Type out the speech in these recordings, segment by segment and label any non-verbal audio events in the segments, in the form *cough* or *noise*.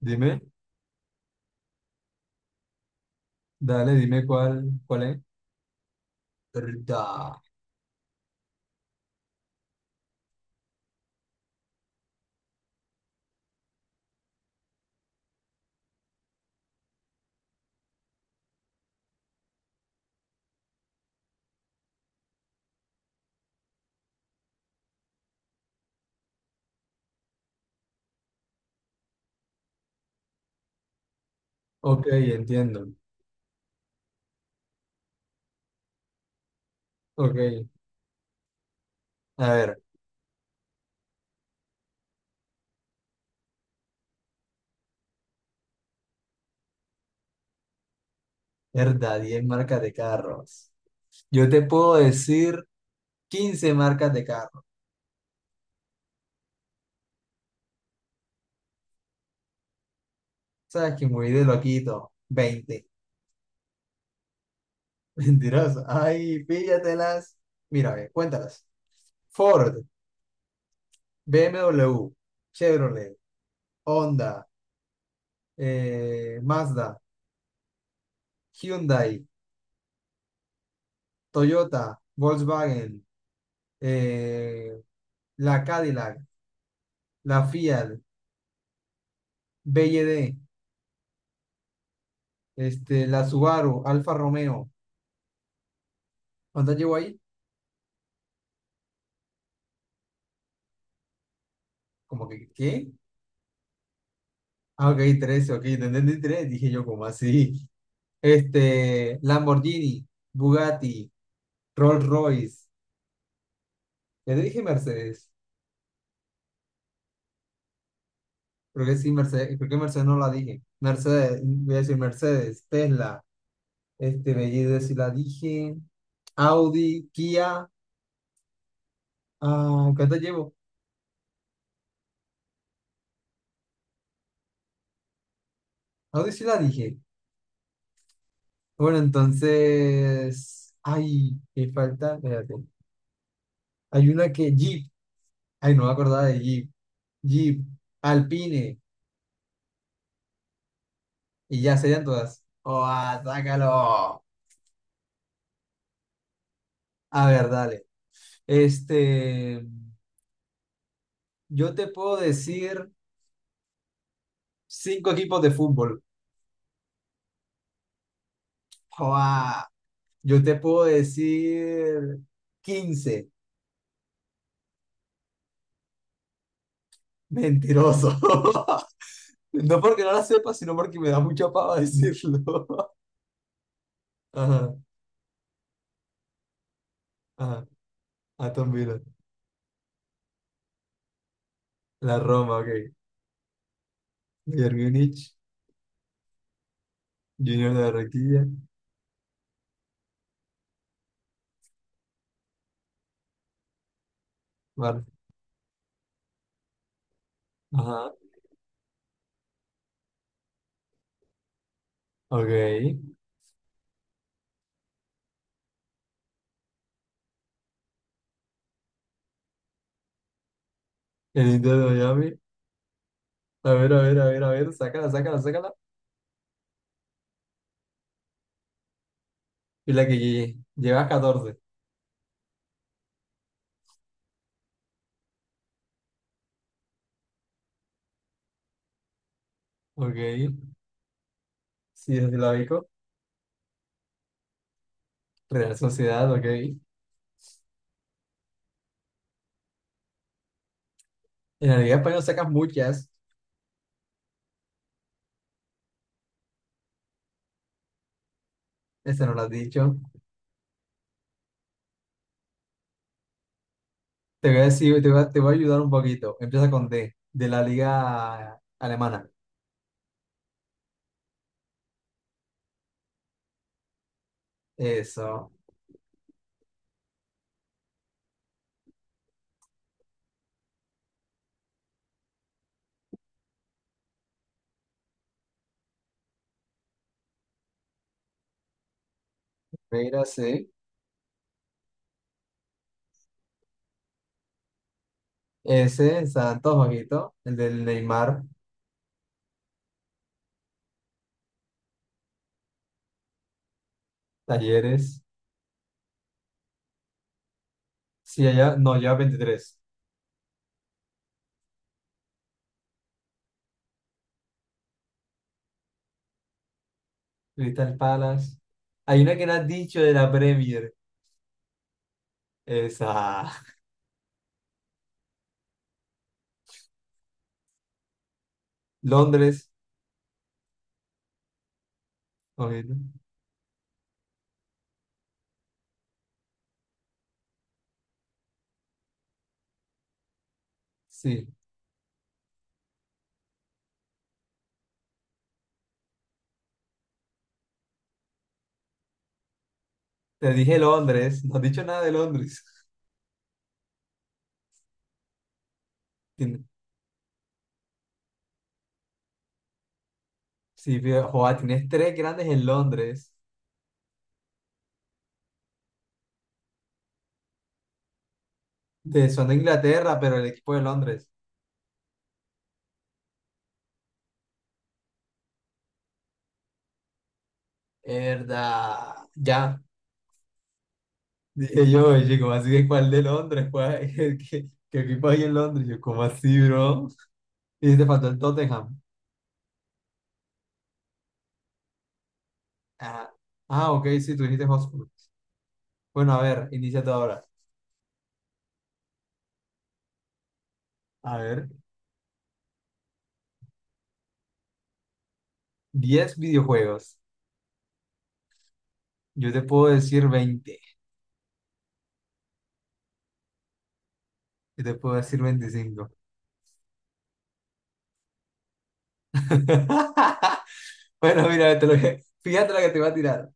Dime, dale, dime cuál es. Herda. Ok, entiendo. Ok. A ver, herda, 10 marcas de carros. Yo te puedo decir 15 marcas de carros. Sabes que muy de loquito. 20. *laughs* Mentiroso. Ay, píllatelas. Mira, ve, cuéntalas. Ford, BMW, Chevrolet, Honda, Mazda, Hyundai, Toyota, Volkswagen, eh, la Cadillac, la Fiat. BYD, este, la Subaru, Alfa Romeo. ¿Cuántas llevo ahí? Como que, ¿qué? Ah, ok, 13, ok, te entendí tres, dije yo, ¿como así? Este, Lamborghini, Bugatti, Rolls Royce. Ya te dije Mercedes. Creo que sí, Mercedes, creo que Mercedes no la dije. Mercedes, voy a decir Mercedes, Tesla, este, BYD sí la dije. Audi, Kia, ah, ¿cuántas llevo? Audi sí la dije. Bueno, entonces, ay, me falta, espérate. Hay una que Jeep. Ay, no me acordaba de Jeep. Jeep, Alpine. Y ya serían todas. ¡Oh, ah, sácalo! A ver, dale. Este, yo te puedo decir cinco equipos de fútbol. ¡Oh, ah! Yo te puedo decir quince. Mentiroso. *laughs* No porque no la sepa, sino porque me da mucha pava decirlo. *laughs* Ajá, ajá. Aston Villa. La Roma, ok. Bayern Múnich, Junior de Barranquilla. Vale. Ajá. Ok. El Inter de Miami. A ver, a ver, a ver, a ver. Sácala, sácala, sácala. Y la que llegué. Llevas 14. Ok. Sí, desde la Vico. Real Sociedad, ok. En la Liga Española sacas muchas. Esa no la has dicho. Te voy a decir. Te voy a ayudar un poquito. Empieza con D. De la Liga Alemana. Eso. Mira, sí. Ese, Santos, ojito. El del Neymar. Talleres. Sí, allá. No, lleva 23. Crystal Palace. Hay una que no has dicho de la Premier. Es a Londres. Oye, ¿no? Sí, te dije Londres. No has dicho nada de Londres. Tien- Sí, fíjate, joa, tienes tres grandes en Londres. Te son de Inglaterra, pero el equipo de Londres. Verdad. Ya. Dije yo, oye, ¿cómo así que cuál de Londres? ¿Cuál- *laughs* ¿Qué equipo hay en Londres? Yo, ¿cómo así, bro? Y te faltó el Tottenham. Ah, ah, ok, sí, tú dijiste Hotspur. Bueno, a ver, inicia tú ahora. A ver, 10 videojuegos. Yo te puedo decir 20. Y te puedo decir 25. *laughs* Bueno, mira, fíjate lo que te va a tirar.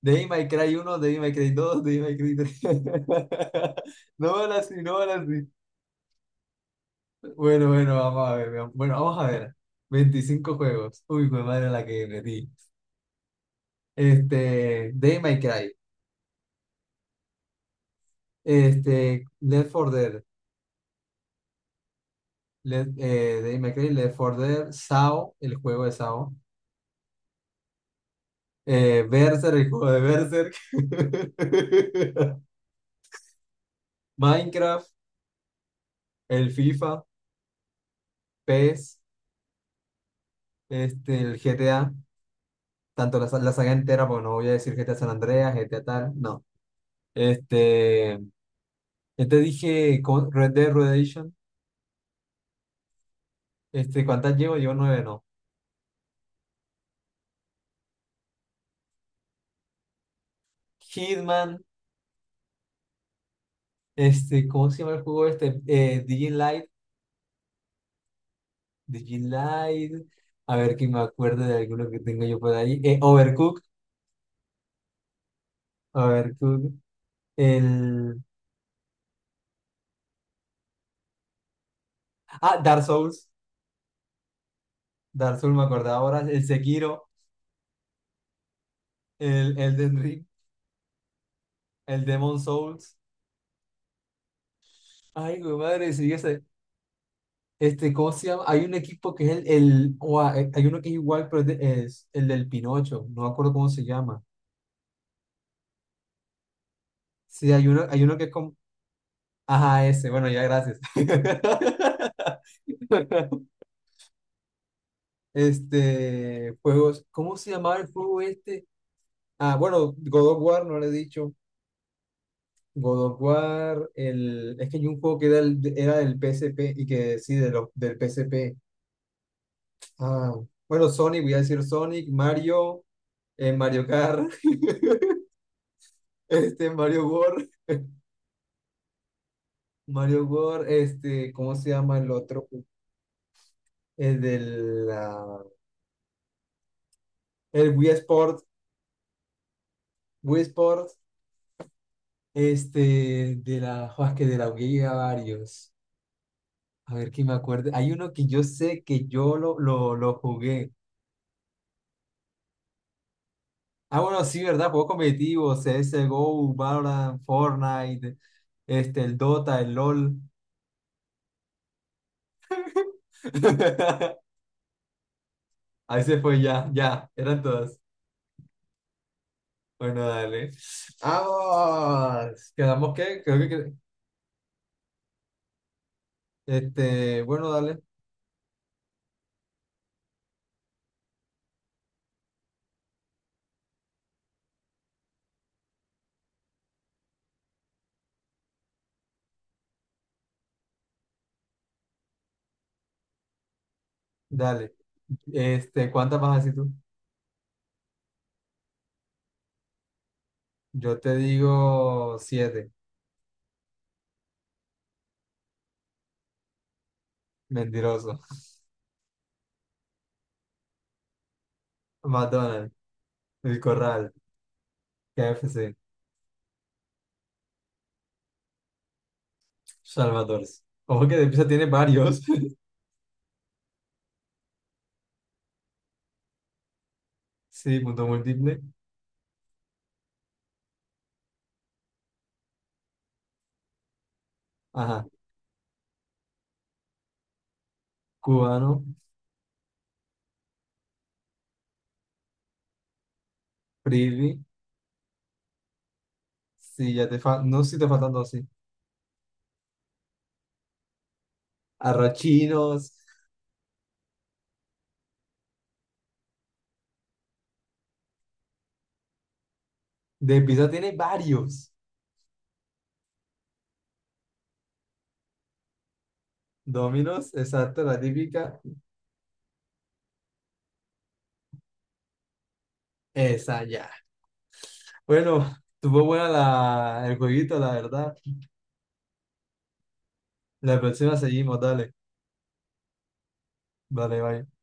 Devil May Cry 1, Devil May Cry 2, Devil May Cry 3. *laughs* No van así, no van así. Bueno, bueno, vamos a ver. Veamos. Bueno, vamos a ver. 25 juegos. Uy, qué madre la que metí. Este, Devil May Cry. Este, Left 4 Dead. Left, Devil May Cry, Left 4 Dead, SAO, el juego de SAO. Berserk, el juego de Berserk. *laughs* Minecraft. El FIFA, PES, este, el GTA, tanto la saga entera, porque no voy a decir GTA San Andreas, GTA tal, no. Este, ya te dije, ¿cómo? Red Dead Redemption, este, ¿cuántas llevo? Llevo nueve, no. Hitman, este, ¿cómo se llama el juego este? Light, Light, a ver que me acuerdo de alguno que tengo yo por ahí. Overcooked, el... Ah, Dark Souls me acordaba ahora, el Sekiro, el Elden Ring, el Demon Souls. Ay, mi madre, sí, ese, este, ¿cómo se llama? Hay un equipo que es hay uno que es igual, pero es, es el del Pinocho, no me acuerdo cómo se llama. Sí, hay uno que es como, ajá, ese, bueno, ya, gracias. *laughs* Este, juegos, ¿cómo se llamaba el juego este? Ah, bueno, God of War, no le he dicho. God of War, es que hay un juego que era, era del PSP y que sí, de los del PSP. Ah, bueno, Sonic, voy a decir Sonic, Mario, Mario Kart. *laughs* Este, Mario World, este, ¿cómo se llama el otro? El del, la- El Wii Sport, este, de la, jo, es que de la Wii había varios. A ver quién me acuerde. Hay uno que yo sé que yo lo jugué. Ah, bueno, sí, ¿verdad? Juegos competitivos, CSGO, Valorant, Fortnite, este, el Dota, el LOL. *laughs* Ahí se fue ya, ya, eran todas. Bueno, dale. ¡Vamos! ¿Quedamos qué? Creo que, qued- este, bueno, dale, dale. Este, ¿cuántas vas así tú? Yo te digo siete, mentiroso. *laughs* McDonald's, El Corral, KFC, Salvador. Ojo que de pizza tiene varios. *laughs* Sí, punto múltiple. Ajá. Cubano, Frisbee. Sí, ya te faltan, no, si te faltan dos, sí. Arrochinos. De pizza tiene varios. Dominos, exacto, la típica. Esa ya. Bueno, tuvo buena la, el jueguito, la verdad. La próxima seguimos, dale. Vale, bye.